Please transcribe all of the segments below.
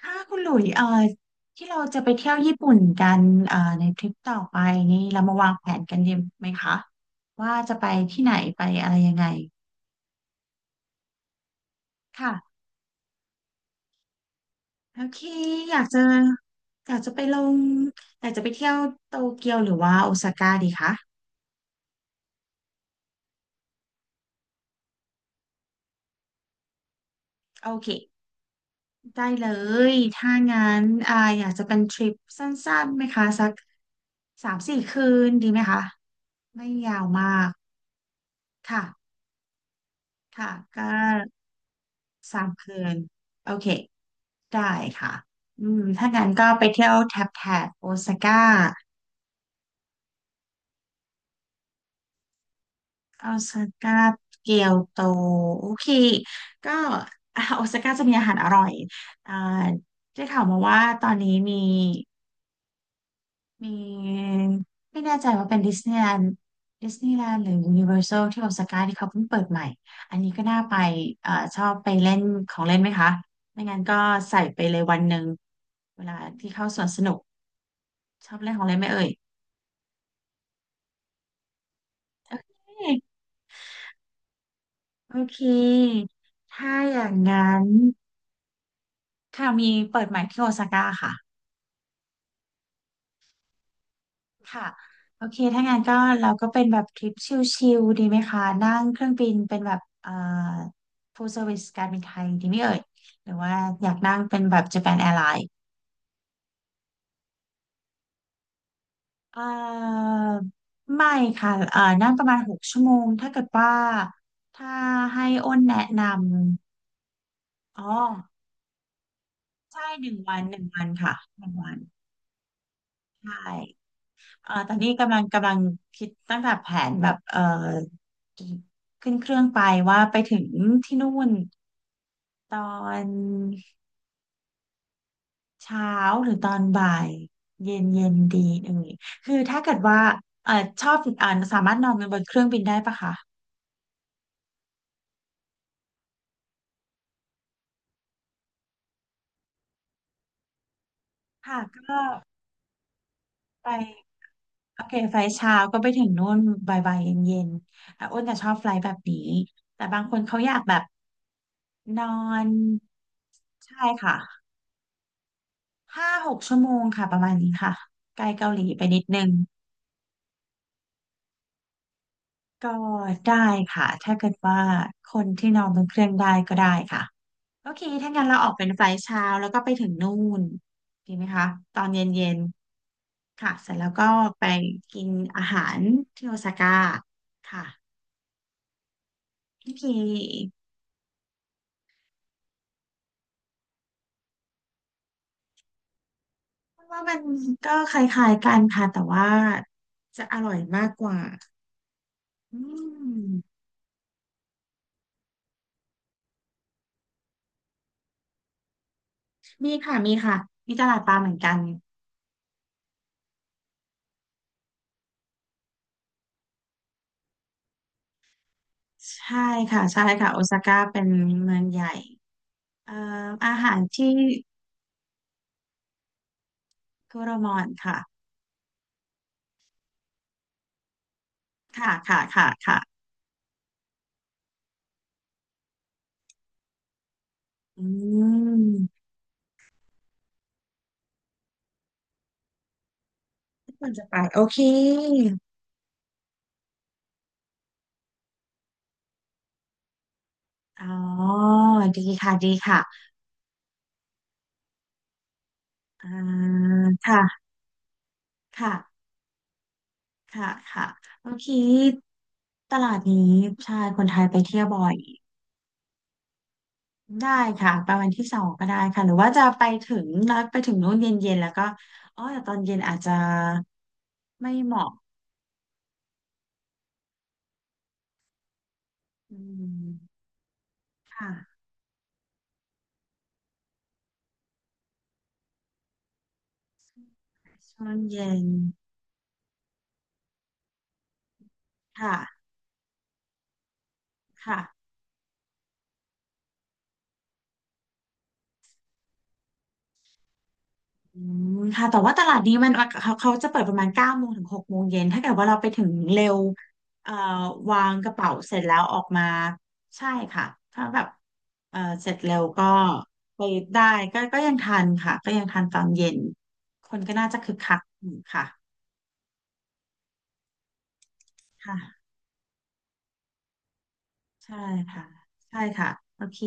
ค่ะคุณหลุยที่เราจะไปเที่ยวญี่ปุ่นกันในทริปต่อไปนี่เรามาวางแผนกันดีไหมคะว่าจะไปที่ไหนไปอะไรยังไงค่ะโอเคอยากจะอยากจะไปลงอยากจะไปเที่ยวโตเกียวหรือว่าโอซาก้าดีคะโอเคได้เลยถ้างั้นอยากจะเป็นทริปสั้นๆไหมคะสัก3-4 คืนดีไหมคะไม่ยาวมากค่ะค่ะก็ 3 คืนโอเคได้ค่ะถ้างั้นก็ไปเที่ยวแถบแถบโอซาก้าโอซาก้าเกียวโตโอเคก็ โอซาก้าจะมีอาหารอร่อยอ่าได้ข่าวมาว่าตอนนี้มีไม่แน่ใจว่าเป็นดิสนีย์แลนด์หรือยูนิเวอร์แซลที่โอซาก้าที่เขาเพิ่งเปิดใหม่อันนี้ก็น่าไปชอบไปเล่นของเล่นไหมคะไม่งั้นก็ใส่ไปเลยวันหนึ่งเวลาที่เข้าสวนสนุก ชอบแรกของอะไรไหมเอ่ยโอเคโอเคถ้าอย่างงั้นค่ะมีเปิดใหม่ที่โอซาก้าค่ะค่ะโอเคถ้างั้นก็เราก็เป็นแบบทริปชิลๆดีไหมคะนั่งเครื่องบินเป็นแบบfull service การบินไทยดีไหมเอ่ยหรือว่าอยากนั่งเป็นแบบ Japan Airlines เอ่อไม่ค่ะนั่งประมาณหกชั่วโมงถ้าเกิดว่าถ้าให้อ้นแนะนำอ๋อใช่หนึ่งวันหนึ่งวันค่ะหนึ่งวันใช่ ตอนนี้กำลังคิดตั้งแต่แผนแบบขึ้นเครื่องไปว่าไปถึงที่นู่นตอนเช้าหรือตอนบ่ายเย็นเย็นดีเอ่ยคือถ้าเกิดว่าเอ่อชอบสามารถนอนบนเครื่องบินได้ปะคะค่ะก็ไปโอเคไฟล์เช้าก็ไปถึงนู่นบ่ายๆเย็นเย็นอ่ะอ้นจะชอบไฟล์แบบนี้แต่บางคนเขาอยากแบบนอนใช่ค่ะ 5-6 ชั่วโมงค่ะประมาณนี้ค่ะไกลเกาหลีไปนิดนึงก็ได้ค่ะถ้าเกิดว่าคนที่นอนบนเครื่องได้ก็ได้ค่ะโอเคถ้างั้นเราออกเป็นไฟล์เช้าแล้วก็ไปถึงนู่นดีไหมคะตอนเย็นๆค่ะเสร็จแล้วก็ไปกินอาหารที่โอซาก้าค่ะโอเคว่ามันก็คล้ายๆกันค่ะแต่ว่าจะอร่อยมากกว่าอืมมีค่ะมีค่ะมีตลาดปลาเหมือนกัน ใช่ค่ะใช่ค่ะโอซาก้าเป็นเมืองใหญ่เอ่ออาหารที่คุโรมอนค่ะค่ะค่ะค่ะค่ะอืมที่ควรจะไปโอเคอ๋อดีค่ะดีค่ะอ่าค่ะค่ะค่ะค่ะโอเคตลาดนี้ใช่คนไทยไปเที่ยวบ่อยได้ค่ะไปวันที่สองก็ได้ค่ะหรือว่าจะไปถึงนัดไปถึงนู้นเย็นๆแล้วก็อ๋อแต่ตอนเย็นอาจจะไม่เหมาะอืม ค่ะช่วงเย็นค่ะค่ะอืมค่ะแต่ว่าตลาดนี้มันเขาจะเปิดประมาณ9 โมงถึง 6 โมงเย็นถ้าเกิดว่าเราไปถึงเร็วเอ่อวางกระเป๋าเสร็จแล้วออกมาใช่ค่ะถ้าแบบเสร็จเร็วก็ไปได้ก็ยังทันค่ะก็ยังทันตอนเย็นคนก็น่าจะคึกคักอยู่ค่ะค่ะใช่ค่ะใช่ค่ะโอเค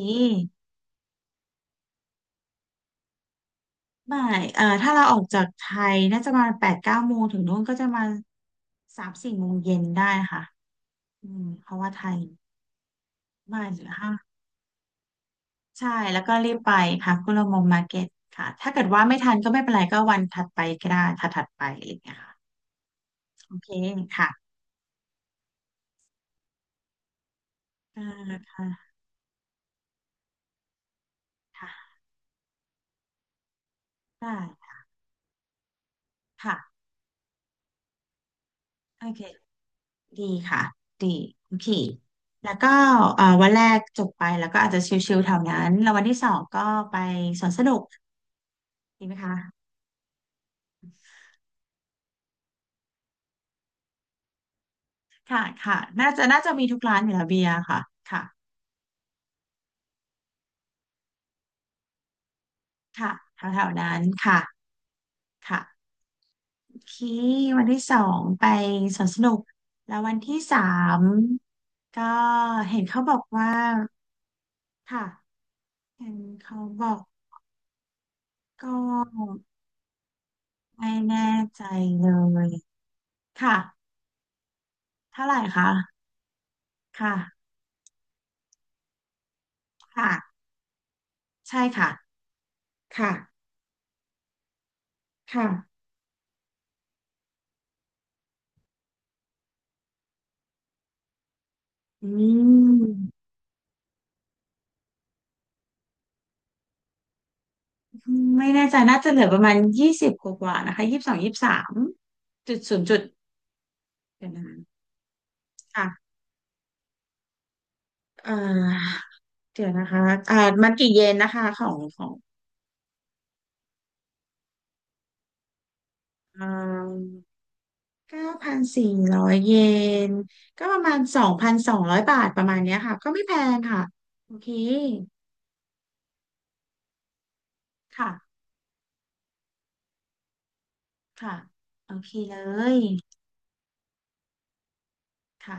ไม่ถ้าเราออกจากไทยน่าจะมา8-9 โมงถึงนู้นก็จะมา3-4 โมงเย็นได้ค่ะอืมเพราะว่าไทยไม่าหรือห้าใช่ แล้วก็รีบไปค่ะคุโรมงมาร์เก็ตค่ะถ้าเกิดว่าไม่ทันก็ไม่เป็นไรก็วันถัดไปก็ได้ถัดถัดไปอะไรอย่างเงี้ยค่ะโอเคค่ะอ่าค่ะค่ะได้ค่ะ โอเคดีค่ะดีโอเค แล้วก็วันแรกจบไปแล้วก็อาจจะชิลๆแถวนั้นแล้ววันที่สองก็ไปสวนสนุกดีไหมคะ ค่ะค่ะน่าจะมีทุกร้านอยู่แล้วเบียร์ค่ะ ค่ะค่ะแถวๆนั้นค่ะค่ะโอเควันที่สองไปสวนสนุก แล้ววันที่สามก็เห็นเขาบอกว่าค่ะเห็นเขาบอกก็ไม่แน่ใจเลยค่ะเท่าไหร่คะ ค่ะค่ะใช่ค่ะ ค่ะค่ะอืมไม่แน่ใจน่าจะเหลือประมาณยี่สิบกว่าๆนะคะ2223จุดศูนย์จุด เดี๋ยวนะค่ะเอ่อเดี๋ยวนะคะอ่ามันกี่เยนนะคะของเอ่อ9,400 เยนก็ประมาณ2,200 บาทประมาณเนี้ยค่ะก็ไม่แพงค่ะโอเคค่ะค่ะโอเคเลยค่ะ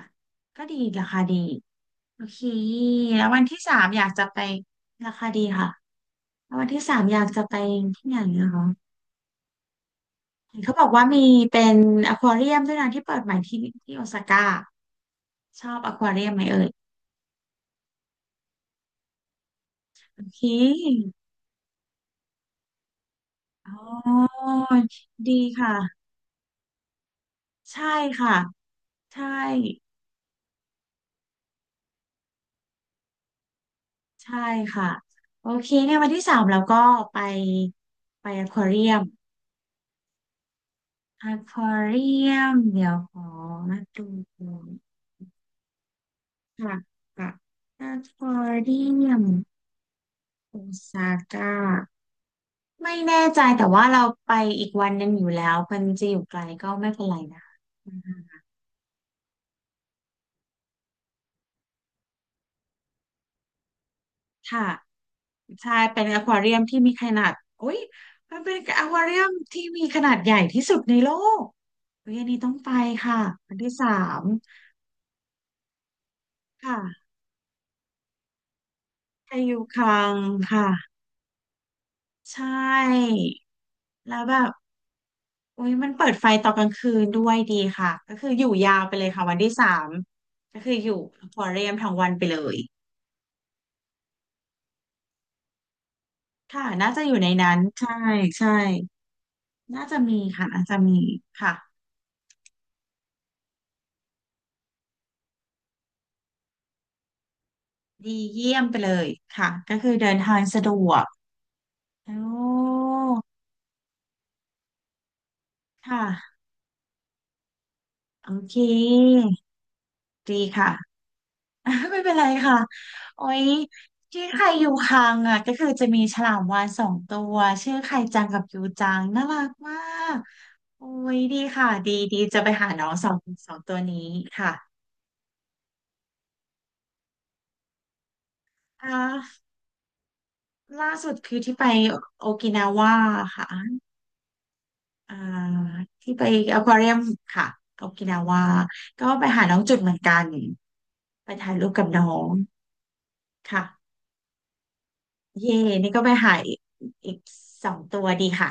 ก็ดีราคาดีโอเคแล้ววันที่สามอยากจะไปราคาดีค่ะแล้ววันที่สามอยากจะไปที่ไหนนะคะ เห็นเขาบอกว่ามีเป็นอควาเรียมด้วยนะที่เปิดใหม่ที่โอซาก้าชอบอควาเรียมไหมเอ่ยโอเคอ๋อดีค่ะใช่ค่ะใช่ใช่ค่ะโอเคเนี่ยวันที่สามเราก็ไปไปอควาเรียมอควาเรียมเดี๋ยวขอมาดูค่ะค่ะอควาเรียมโอซาก้า ไม่แน่ใจแต่ว่าเราไปอีกวันหนึ่งอยู่แล้วมันจะอยู่ไกลก็ไม่เป็นไรนะค่ะใช่เป็นอควาเรียมที่มีขนาดอุ้ยมันเป็นอควาเรียมที่มีขนาดใหญ่ที่สุดในโลกเฮ้ยอันนี้ต้องไปค่ะวันที่สามค่ะไปอยู่คลังค่ะใช่แล้วแบบอุ้ยมันเปิดไฟตอนกลางคืนด้วยดีค่ะก็คืออยู่ยาวไปเลยค่ะวันที่สามก็คืออยู่อควาเรียมทั้งวันไปเลย ค่ะน่าจะอยู่ในนั้นใช่ใช่น่าจะมีค่ะน่าจะมีค่ะดีเยี่ยมไปเลยค่ะก็คือเดินทางสะดวกโอ้ค่ะโอเคดีค่ะ ไม่เป็นไรค่ะโอ้ยชื่อใครอยู่คังอ่ะก็คือจะมีฉลามวาฬสองตัวชื่อไข่จังกับยูจังน่ารักมากโอ้ยดีค่ะดีดีจะไปหาน้องสองตัวนี้ค่ะอ่าล่าสุดคือที่ไปโอกินาวาค่ะ อ่าที่ไปอควาเรียมค่ะโอกินาวาก็ไปหาน้องจุดเหมือนกันไปถ่ายรูปกับน้องค่ะเย่นี่ก็ไปหาอีกสองตัวดีค่ะ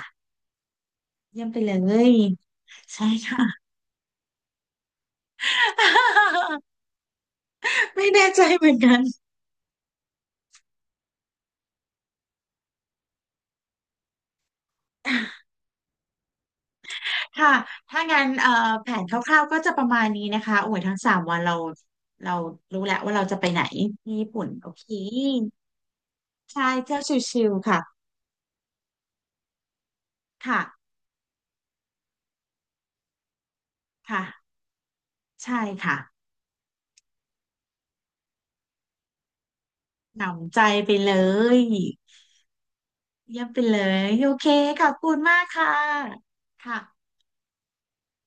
เยี่ยมไปเลยใช่ค่ะ ไม่แน่ใจเหมือนกันค่ะถ้างั้นแผนคร่าวๆก็จะประมาณนี้นะคะโอ้ยทั้ง3 วันเรารู้แล้วว่าเราจะไปไหนที่ญี่ปุ่นโอเคใช่เที่ยวชิลๆค่ะค่ะค่ะใช่ค่ะ หนำใจไปเลยเยี่ยมไปเลยโอเคขอบคุณมากค่ะค่ะ